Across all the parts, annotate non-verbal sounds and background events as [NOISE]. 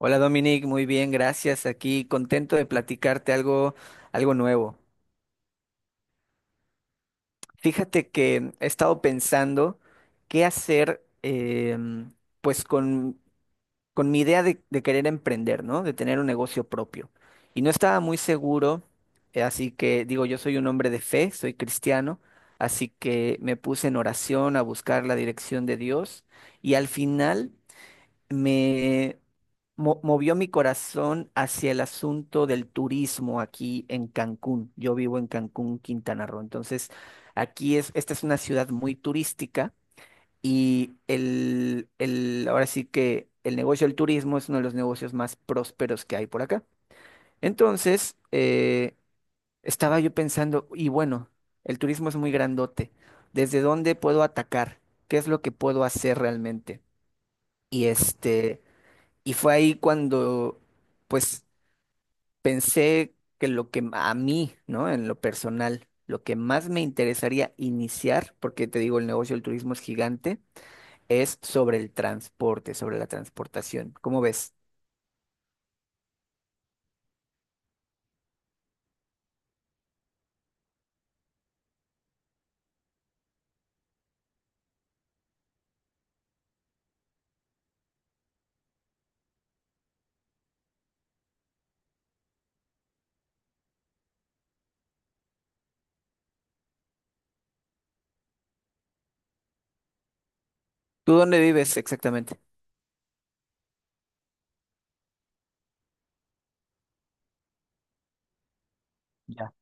Hola Dominic, muy bien, gracias. Aquí contento de platicarte algo, algo nuevo. Fíjate que he estado pensando qué hacer, pues con mi idea de querer emprender, ¿no? De tener un negocio propio. Y no estaba muy seguro, así que digo, yo soy un hombre de fe, soy cristiano, así que me puse en oración a buscar la dirección de Dios y al final me movió mi corazón hacia el asunto del turismo aquí en Cancún. Yo vivo en Cancún, Quintana Roo. Entonces, esta es una ciudad muy turística ahora sí que el negocio del turismo es uno de los negocios más prósperos que hay por acá. Entonces, estaba yo pensando, y bueno, el turismo es muy grandote. ¿Desde dónde puedo atacar? ¿Qué es lo que puedo hacer realmente? Y este... Y fue ahí cuando, pues, pensé que lo que a mí, ¿no? En lo personal, lo que más me interesaría iniciar, porque te digo, el negocio del turismo es gigante, es sobre el transporte, sobre la transportación. ¿Cómo ves? ¿Tú dónde vives exactamente? Ya.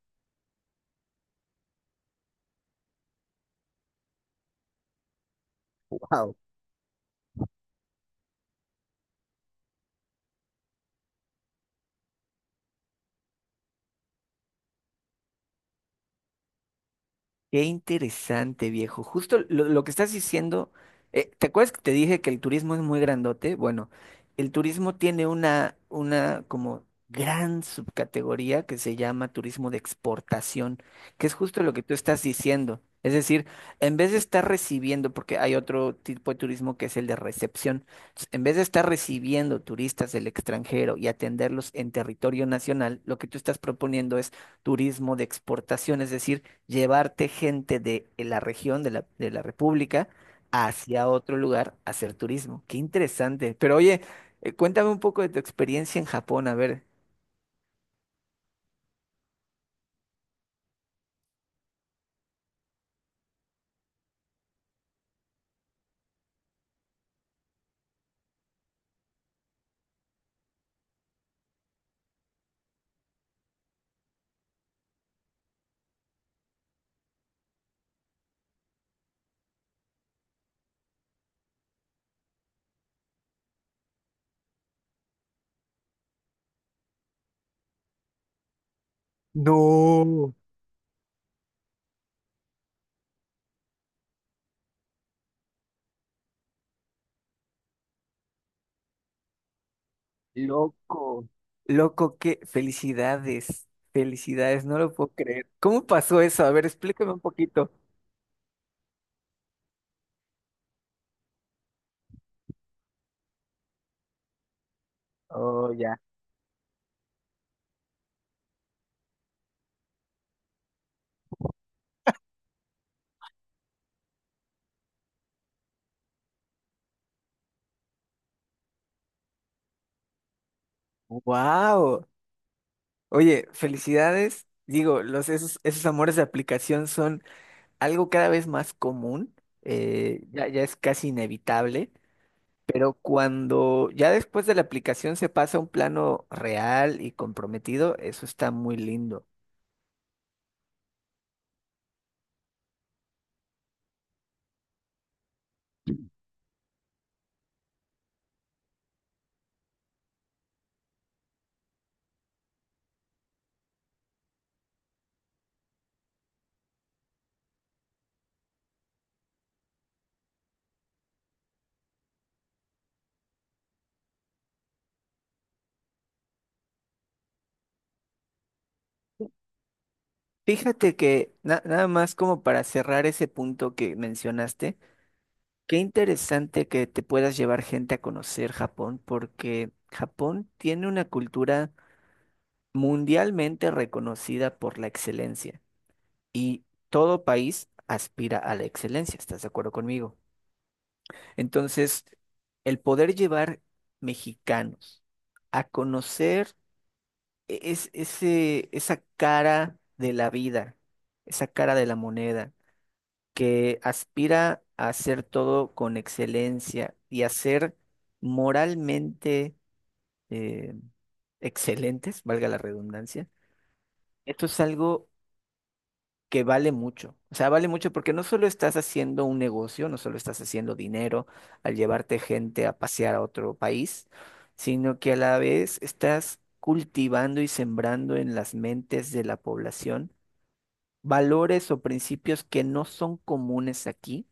Wow. Qué interesante, viejo. Justo lo que estás diciendo, ¿te acuerdas que te dije que el turismo es muy grandote? Bueno, el turismo tiene una como gran subcategoría que se llama turismo de exportación, que es justo lo que tú estás diciendo. Es decir, en vez de estar recibiendo, porque hay otro tipo de turismo que es el de recepción, entonces, en vez de estar recibiendo turistas del extranjero y atenderlos en territorio nacional, lo que tú estás proponiendo es turismo de exportación, es decir, llevarte gente de la región, de la República, hacia otro lugar a hacer turismo. Qué interesante. Pero oye, cuéntame un poco de tu experiencia en Japón. A ver, loco, qué felicidades. Felicidades, no lo puedo creer. ¿Cómo pasó eso? A ver, explícame un poquito. Oh, ya. Wow. Oye, felicidades. Digo, esos amores de aplicación son algo cada vez más común. Ya es casi inevitable. Pero cuando ya después de la aplicación se pasa a un plano real y comprometido, eso está muy lindo. Fíjate que nada más como para cerrar ese punto que mencionaste, qué interesante que te puedas llevar gente a conocer Japón, porque Japón tiene una cultura mundialmente reconocida por la excelencia y todo país aspira a la excelencia, ¿estás de acuerdo conmigo? Entonces, el poder llevar mexicanos a conocer esa cara de la vida, esa cara de la moneda, que aspira a hacer todo con excelencia y a ser moralmente eh, excelentes, valga la redundancia, esto es algo que vale mucho. O sea, vale mucho porque no solo estás haciendo un negocio, no solo estás haciendo dinero al llevarte gente a pasear a otro país, sino que a la vez estás cultivando y sembrando en las mentes de la población valores o principios que no son comunes aquí,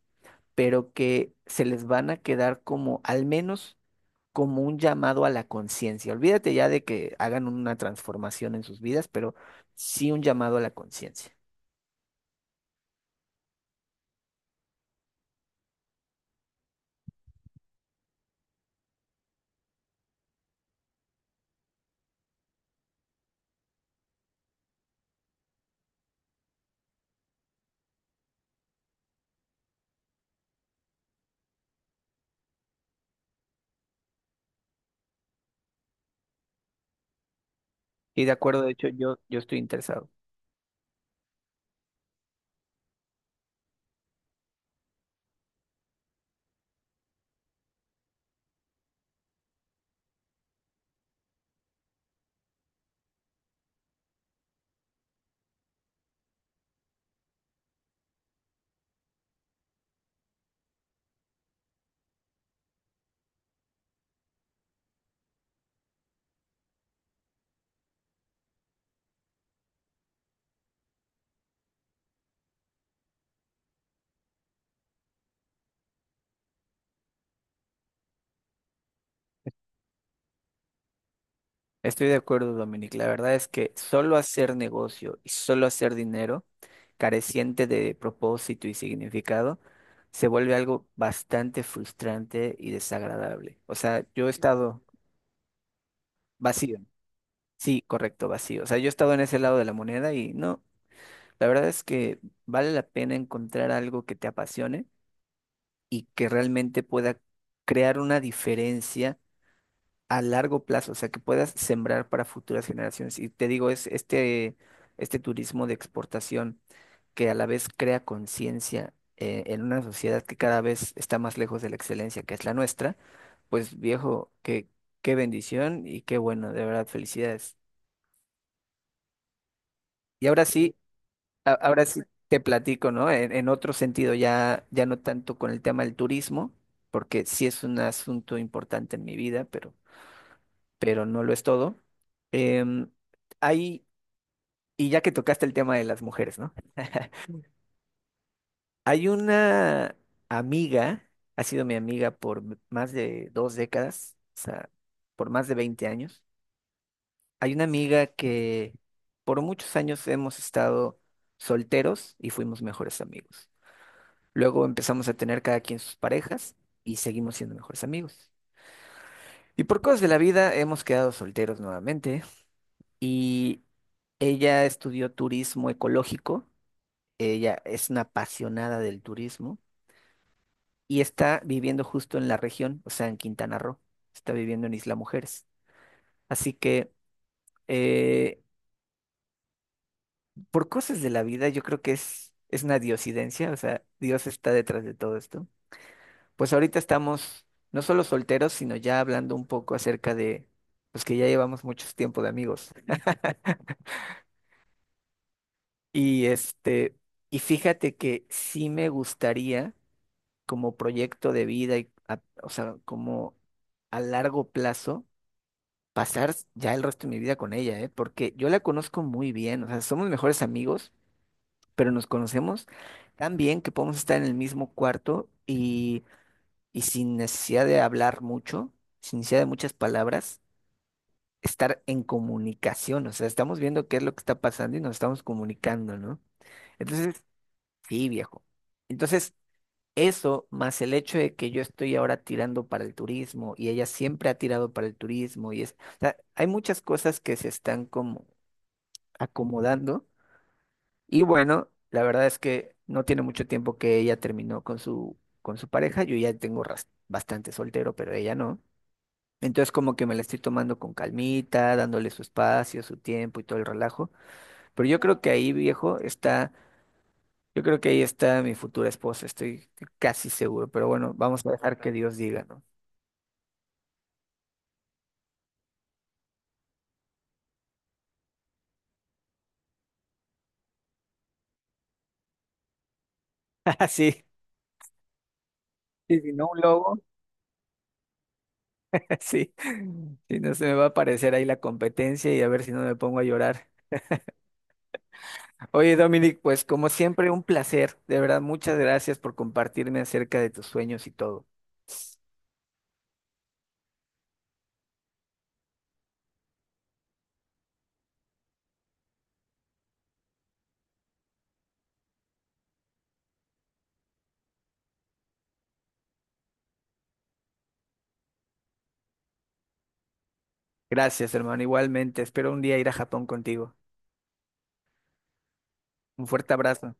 pero que se les van a quedar como, al menos, como un llamado a la conciencia. Olvídate ya de que hagan una transformación en sus vidas, pero sí un llamado a la conciencia. Y de acuerdo, de hecho, yo estoy interesado. Estoy de acuerdo, Dominic. La verdad es que solo hacer negocio y solo hacer dinero, careciente de propósito y significado, se vuelve algo bastante frustrante y desagradable. O sea, yo he estado vacío. Sí, correcto, vacío. O sea, yo he estado en ese lado de la moneda y no, la verdad es que vale la pena encontrar algo que te apasione y que realmente pueda crear una diferencia a largo plazo, o sea, que puedas sembrar para futuras generaciones. Y te digo, este turismo de exportación que a la vez crea conciencia en una sociedad que cada vez está más lejos de la excelencia, que es la nuestra, pues viejo, qué, qué bendición y qué bueno, de verdad, felicidades. Y ahora sí, ahora sí te platico, ¿no? En otro sentido, ya no tanto con el tema del turismo, porque sí es un asunto importante en mi vida, pero no lo es todo. Em, hay y ya que tocaste el tema de las mujeres, ¿no? Hay una amiga, ha sido mi amiga por más de 2 décadas, o sea, por más de 20 años. Hay una amiga que por muchos años hemos estado solteros y fuimos mejores amigos. Luego empezamos a tener cada quien sus parejas y seguimos siendo mejores amigos. Y por cosas de la vida hemos quedado solteros nuevamente y ella estudió turismo ecológico. Ella es una apasionada del turismo y está viviendo justo en la región, o sea, en Quintana Roo, está viviendo en Isla Mujeres. Así que, eh, por cosas de la vida, yo creo que es una diosidencia, o sea, Dios está detrás de todo esto. Pues ahorita estamos no solo solteros, sino ya hablando un poco acerca de, pues que ya llevamos mucho tiempo de amigos. Y este, y fíjate que sí me gustaría como proyecto de vida o sea, como a largo plazo pasar ya el resto de mi vida con ella, ¿eh? Porque yo la conozco muy bien, o sea, somos mejores amigos, pero nos conocemos tan bien que podemos estar en el mismo cuarto y sin necesidad de hablar mucho, sin necesidad de muchas palabras, estar en comunicación, o sea, estamos viendo qué es lo que está pasando y nos estamos comunicando, ¿no? Entonces, sí, viejo. Entonces, eso, más el hecho de que yo estoy ahora tirando para el turismo y ella siempre ha tirado para el turismo y es, o sea, hay muchas cosas que se están como acomodando y bueno, la verdad es que no tiene mucho tiempo que ella terminó con su pareja, yo ya tengo bastante soltero, pero ella no. Entonces como que me la estoy tomando con calmita, dándole su espacio, su tiempo y todo el relajo, pero yo creo que ahí, viejo, está yo creo que ahí está mi futura esposa, estoy casi seguro, pero bueno, vamos a dejar que Dios diga, ¿no? [LAUGHS] Sí, sí, si no un lobo, [LAUGHS] sí, si no se me va a aparecer ahí la competencia y a ver si no me pongo a llorar. Oye, Dominic, pues como siempre, un placer, de verdad, muchas gracias por compartirme acerca de tus sueños y todo. Gracias, hermano, igualmente, espero un día ir a Japón contigo. Un fuerte abrazo.